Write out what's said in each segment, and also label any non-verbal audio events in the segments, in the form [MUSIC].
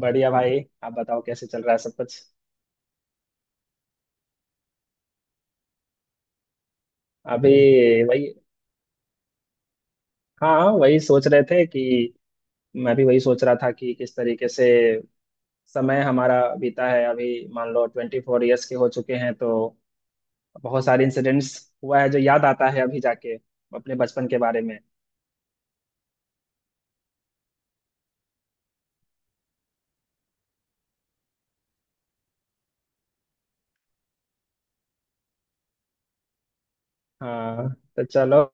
बढ़िया भाई, आप बताओ कैसे चल रहा है सब कुछ। अभी वही। हाँ हाँ, वही सोच रहे थे कि मैं भी वही सोच रहा था कि किस तरीके से समय हमारा बीता है। अभी मान लो 24 ईयर्स के हो चुके हैं, तो बहुत सारे इंसिडेंट्स हुआ है जो याद आता है अभी जाके अपने बचपन के बारे में। हाँ, तो चलो।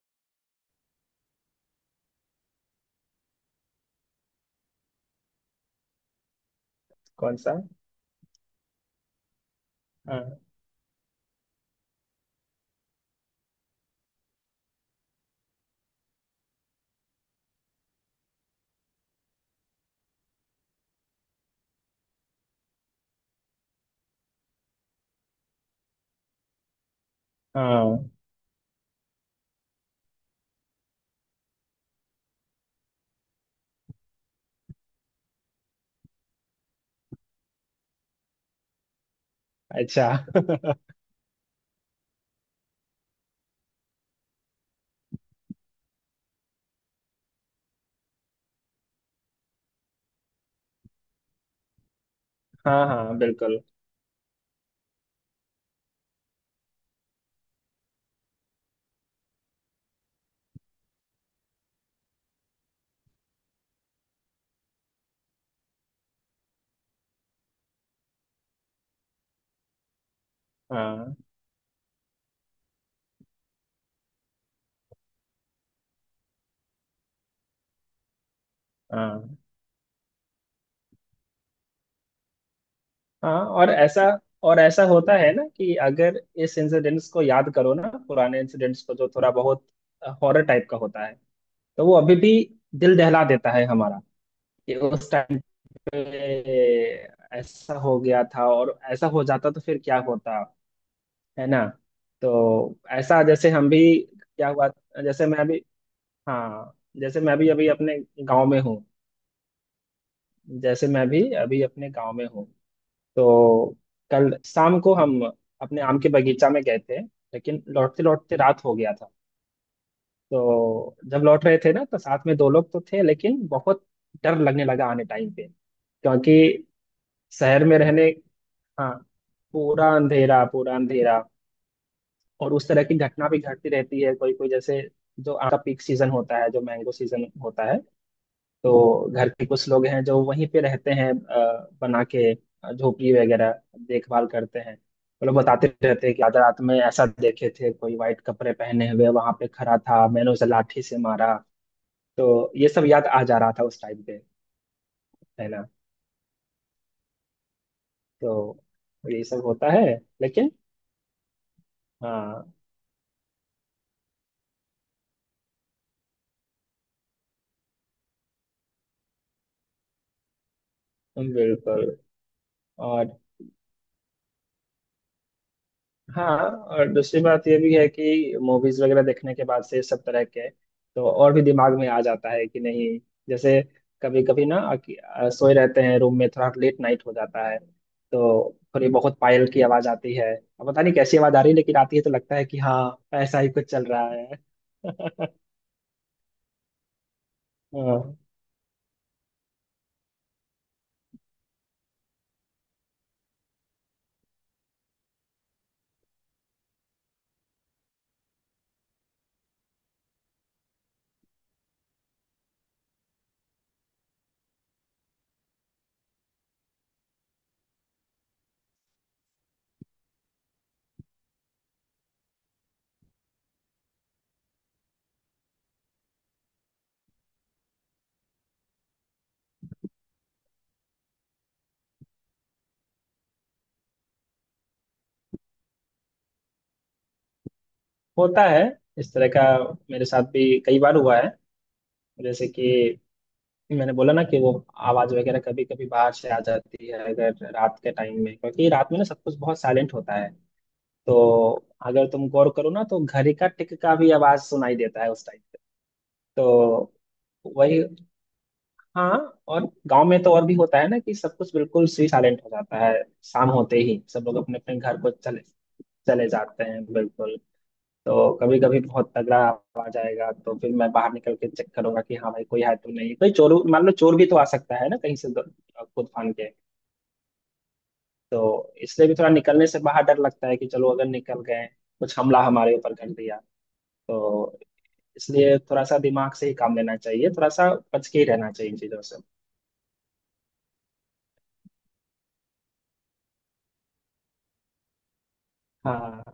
कौन सा? हाँ। हाँ, अच्छा। [LAUGHS] हाँ हाँ, बिल्कुल। हाँ। हाँ। हाँ, और ऐसा होता है ना कि अगर इस इंसिडेंट्स को याद करो ना, पुराने इंसिडेंट्स को जो थोड़ा बहुत हॉरर टाइप का होता है, तो वो अभी भी दिल दहला देता है हमारा, कि उस टाइम पे ऐसा हो गया था, और ऐसा हो जाता तो फिर क्या होता। है ना? तो ऐसा जैसे हम भी क्या हुआ जैसे मैं अभी हाँ, जैसे मैं भी अभी अपने गांव में हूँ जैसे मैं भी अभी अपने गांव में हूँ। तो कल शाम को हम अपने आम के बगीचा में गए थे, लेकिन लौटते लौटते रात हो गया था। तो जब लौट रहे थे ना, तो साथ में दो लोग तो थे, लेकिन बहुत डर लगने लगा आने टाइम पे, क्योंकि शहर में रहने। हाँ, पूरा अंधेरा पूरा अंधेरा। और उस तरह की घटना भी घटती रहती है, कोई कोई, जैसे जो आम का पीक सीजन होता है, जो मैंगो सीजन होता है, तो घर के कुछ लोग हैं जो वहीं पे रहते हैं, बना के झोपड़ी वगैरह। देखभाल करते हैं। वो लोग बताते रहते हैं कि आज रात में ऐसा देखे थे, कोई वाइट कपड़े पहने हुए वहां पे खड़ा था, मैंने उसे लाठी से मारा। तो ये सब याद आ जा रहा था उस टाइम पे। है ना? तो ये सब होता है, लेकिन। हाँ, बिल्कुल। और हाँ, और दूसरी बात ये भी है कि मूवीज वगैरह देखने के बाद से सब तरह के, तो और भी दिमाग में आ जाता है कि नहीं। जैसे कभी कभी ना, सोए रहते हैं रूम में, थोड़ा लेट नाइट हो जाता है, तो थोड़ी बहुत पायल की आवाज आती है। अब पता नहीं कैसी आवाज आ रही है, लेकिन आती है, तो लगता है कि हाँ ऐसा ही कुछ चल रहा है। [LAUGHS] हाँ, होता है इस तरह का। मेरे साथ भी कई बार हुआ है। जैसे कि मैंने बोला ना कि वो आवाज वगैरह कभी कभी बाहर से आ जाती है अगर रात के टाइम में, क्योंकि रात में ना सब कुछ बहुत साइलेंट होता है। तो अगर तुम गौर करो ना, तो घड़ी का टिक का भी आवाज सुनाई देता है उस टाइम पे। तो वही। हाँ, और गांव में तो और भी होता है ना कि सब कुछ बिल्कुल सी साइलेंट हो जाता है। शाम होते ही सब लोग अपने अपने घर को चले चले जाते हैं। बिल्कुल। तो कभी कभी बहुत तगड़ा आवाज आएगा, तो फिर मैं बाहर निकल के चेक करूंगा कि हाँ भाई, कोई है तो नहीं, कोई चोर। मान लो चोर भी तो आ सकता है ना कहीं से कूद फान के। तो इसलिए भी थोड़ा निकलने से बाहर डर लगता है कि चलो, अगर निकल गए, कुछ हमला हमारे ऊपर कर दिया, तो। इसलिए थोड़ा सा दिमाग से ही काम लेना चाहिए, थोड़ा सा बच के ही रहना चाहिए इन चीजों से। हाँ।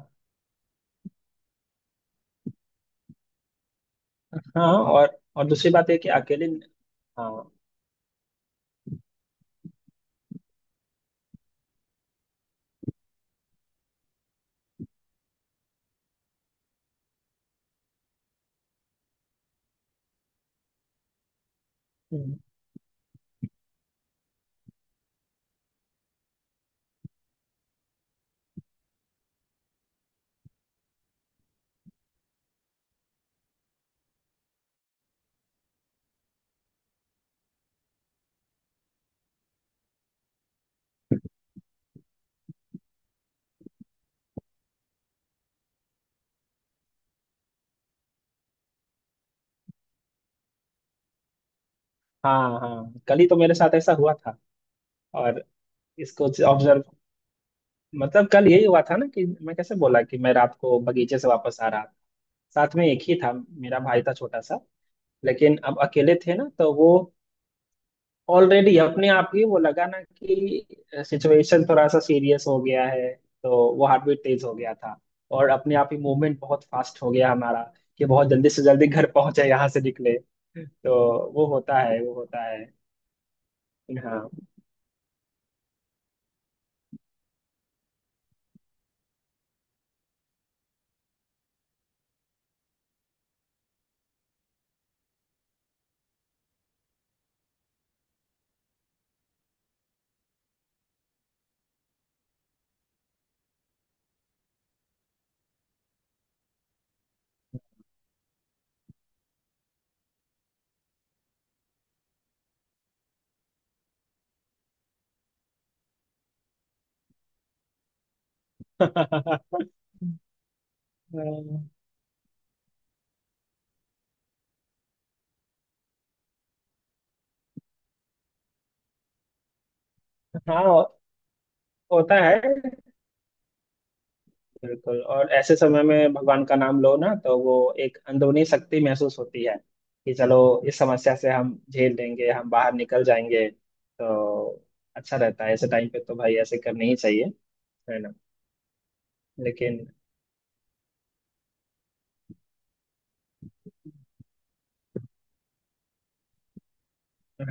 हाँ, और दूसरी बात है कि अकेले। हाँ। हम्म, हाँ हाँ, कल ही तो मेरे साथ ऐसा हुआ था। और इसको ऑब्जर्व, मतलब कल यही हुआ था ना कि मैं कैसे बोला कि मैं रात को बगीचे से वापस आ रहा था, साथ में एक ही था, मेरा भाई था छोटा सा। लेकिन अब अकेले थे ना, तो वो ऑलरेडी अपने आप ही वो लगा ना कि सिचुएशन थोड़ा सा सीरियस हो गया है। तो वो हार्ट बीट तेज हो गया था। और अपने आप ही मूवमेंट बहुत फास्ट हो गया हमारा, कि बहुत जल्दी से जल्दी घर पहुंचे यहाँ से निकले। तो वो होता है, वो होता है। हाँ। [LAUGHS] हाँ, होता है। बिल्कुल। और ऐसे समय में भगवान का नाम लो ना, तो वो एक अंदरूनी शक्ति महसूस होती है, कि चलो इस समस्या से हम झेल लेंगे, हम बाहर निकल जाएंगे, तो अच्छा रहता है ऐसे टाइम पे। तो भाई ऐसे करनी ही चाहिए। है ना? लेकिन।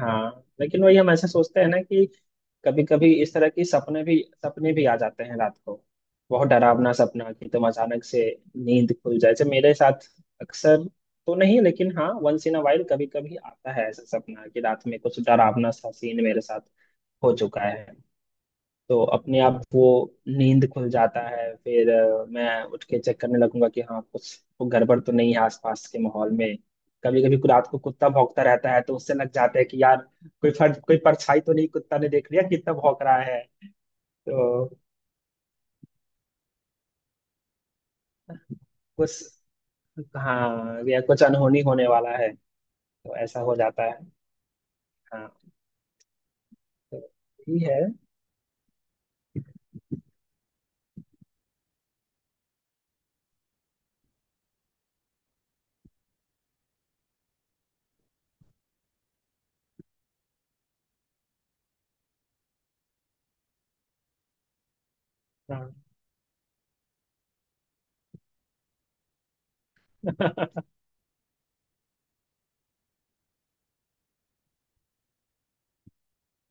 हाँ, लेकिन वही, हम ऐसे सोचते हैं ना कि कभी कभी इस तरह की सपने भी, आ जाते हैं रात को। बहुत डरावना सपना कि तुम अचानक से नींद खुल जाए, जैसे मेरे साथ अक्सर तो नहीं, लेकिन हाँ वंस इन अ वाइल कभी कभी आता है ऐसा सपना कि रात में कुछ डरावना सा सीन मेरे साथ हो चुका है। तो अपने आप वो नींद खुल जाता है, फिर मैं उठ के चेक करने लगूंगा कि हाँ कुछ गड़बड़ तो नहीं है आसपास के माहौल में। कभी कभी रात को कुत्ता भौंकता रहता है, तो उससे लग जाता है कि यार कोई फर्ज, कोई परछाई तो नहीं कुत्ता ने देख लिया, कितना भौंक रहा। तो कुछ। हाँ, या कुछ अनहोनी होने वाला है। तो ऐसा हो जाता है। हाँ। तो यही है। हाँ। [LAUGHS]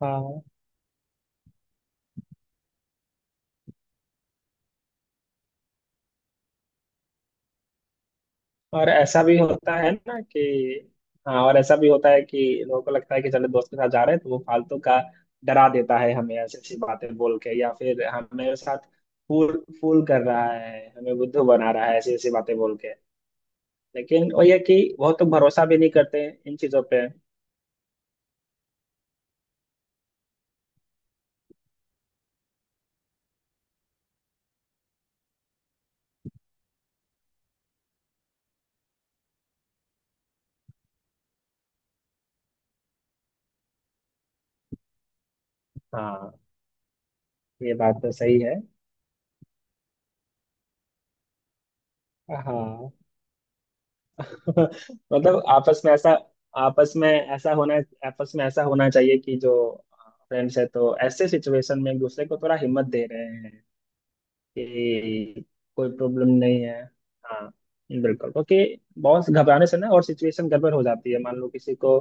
हाँ और ऐसा भी होता है ना कि हाँ, और ऐसा भी होता है कि लोगों को लगता है कि चलो दोस्त के साथ जा रहे हैं, तो वो फालतू का डरा देता है हमें, ऐसी ऐसी बातें बोल के, या फिर हमारे साथ फूल फूल कर रहा है, हमें बुद्धू बना रहा है, ऐसी ऐसी बातें बोल के। लेकिन वो, ये कि बहुत तो भरोसा भी नहीं करते हैं इन चीजों पे। हाँ, ये बात तो सही है। हाँ। [LAUGHS] मतलब आपस में ऐसा होना आपस में ऐसा होना चाहिए कि जो फ्रेंड्स है, तो ऐसे सिचुएशन में एक दूसरे को थोड़ा हिम्मत दे रहे हैं कि कोई प्रॉब्लम नहीं है। हाँ, बिल्कुल। क्योंकि बहुत घबराने से ना और सिचुएशन गड़बड़ हो जाती है। मान लो किसी को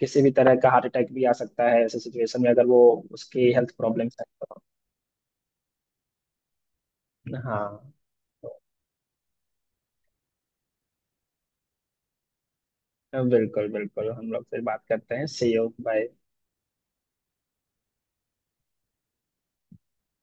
किसी भी तरह का हार्ट अटैक भी आ सकता है ऐसे सिचुएशन में, अगर वो उसकी हेल्थ प्रॉब्लम्स है तो। हाँ, तो बिल्कुल बिल्कुल, हम लोग फिर बात करते हैं। See you, bye.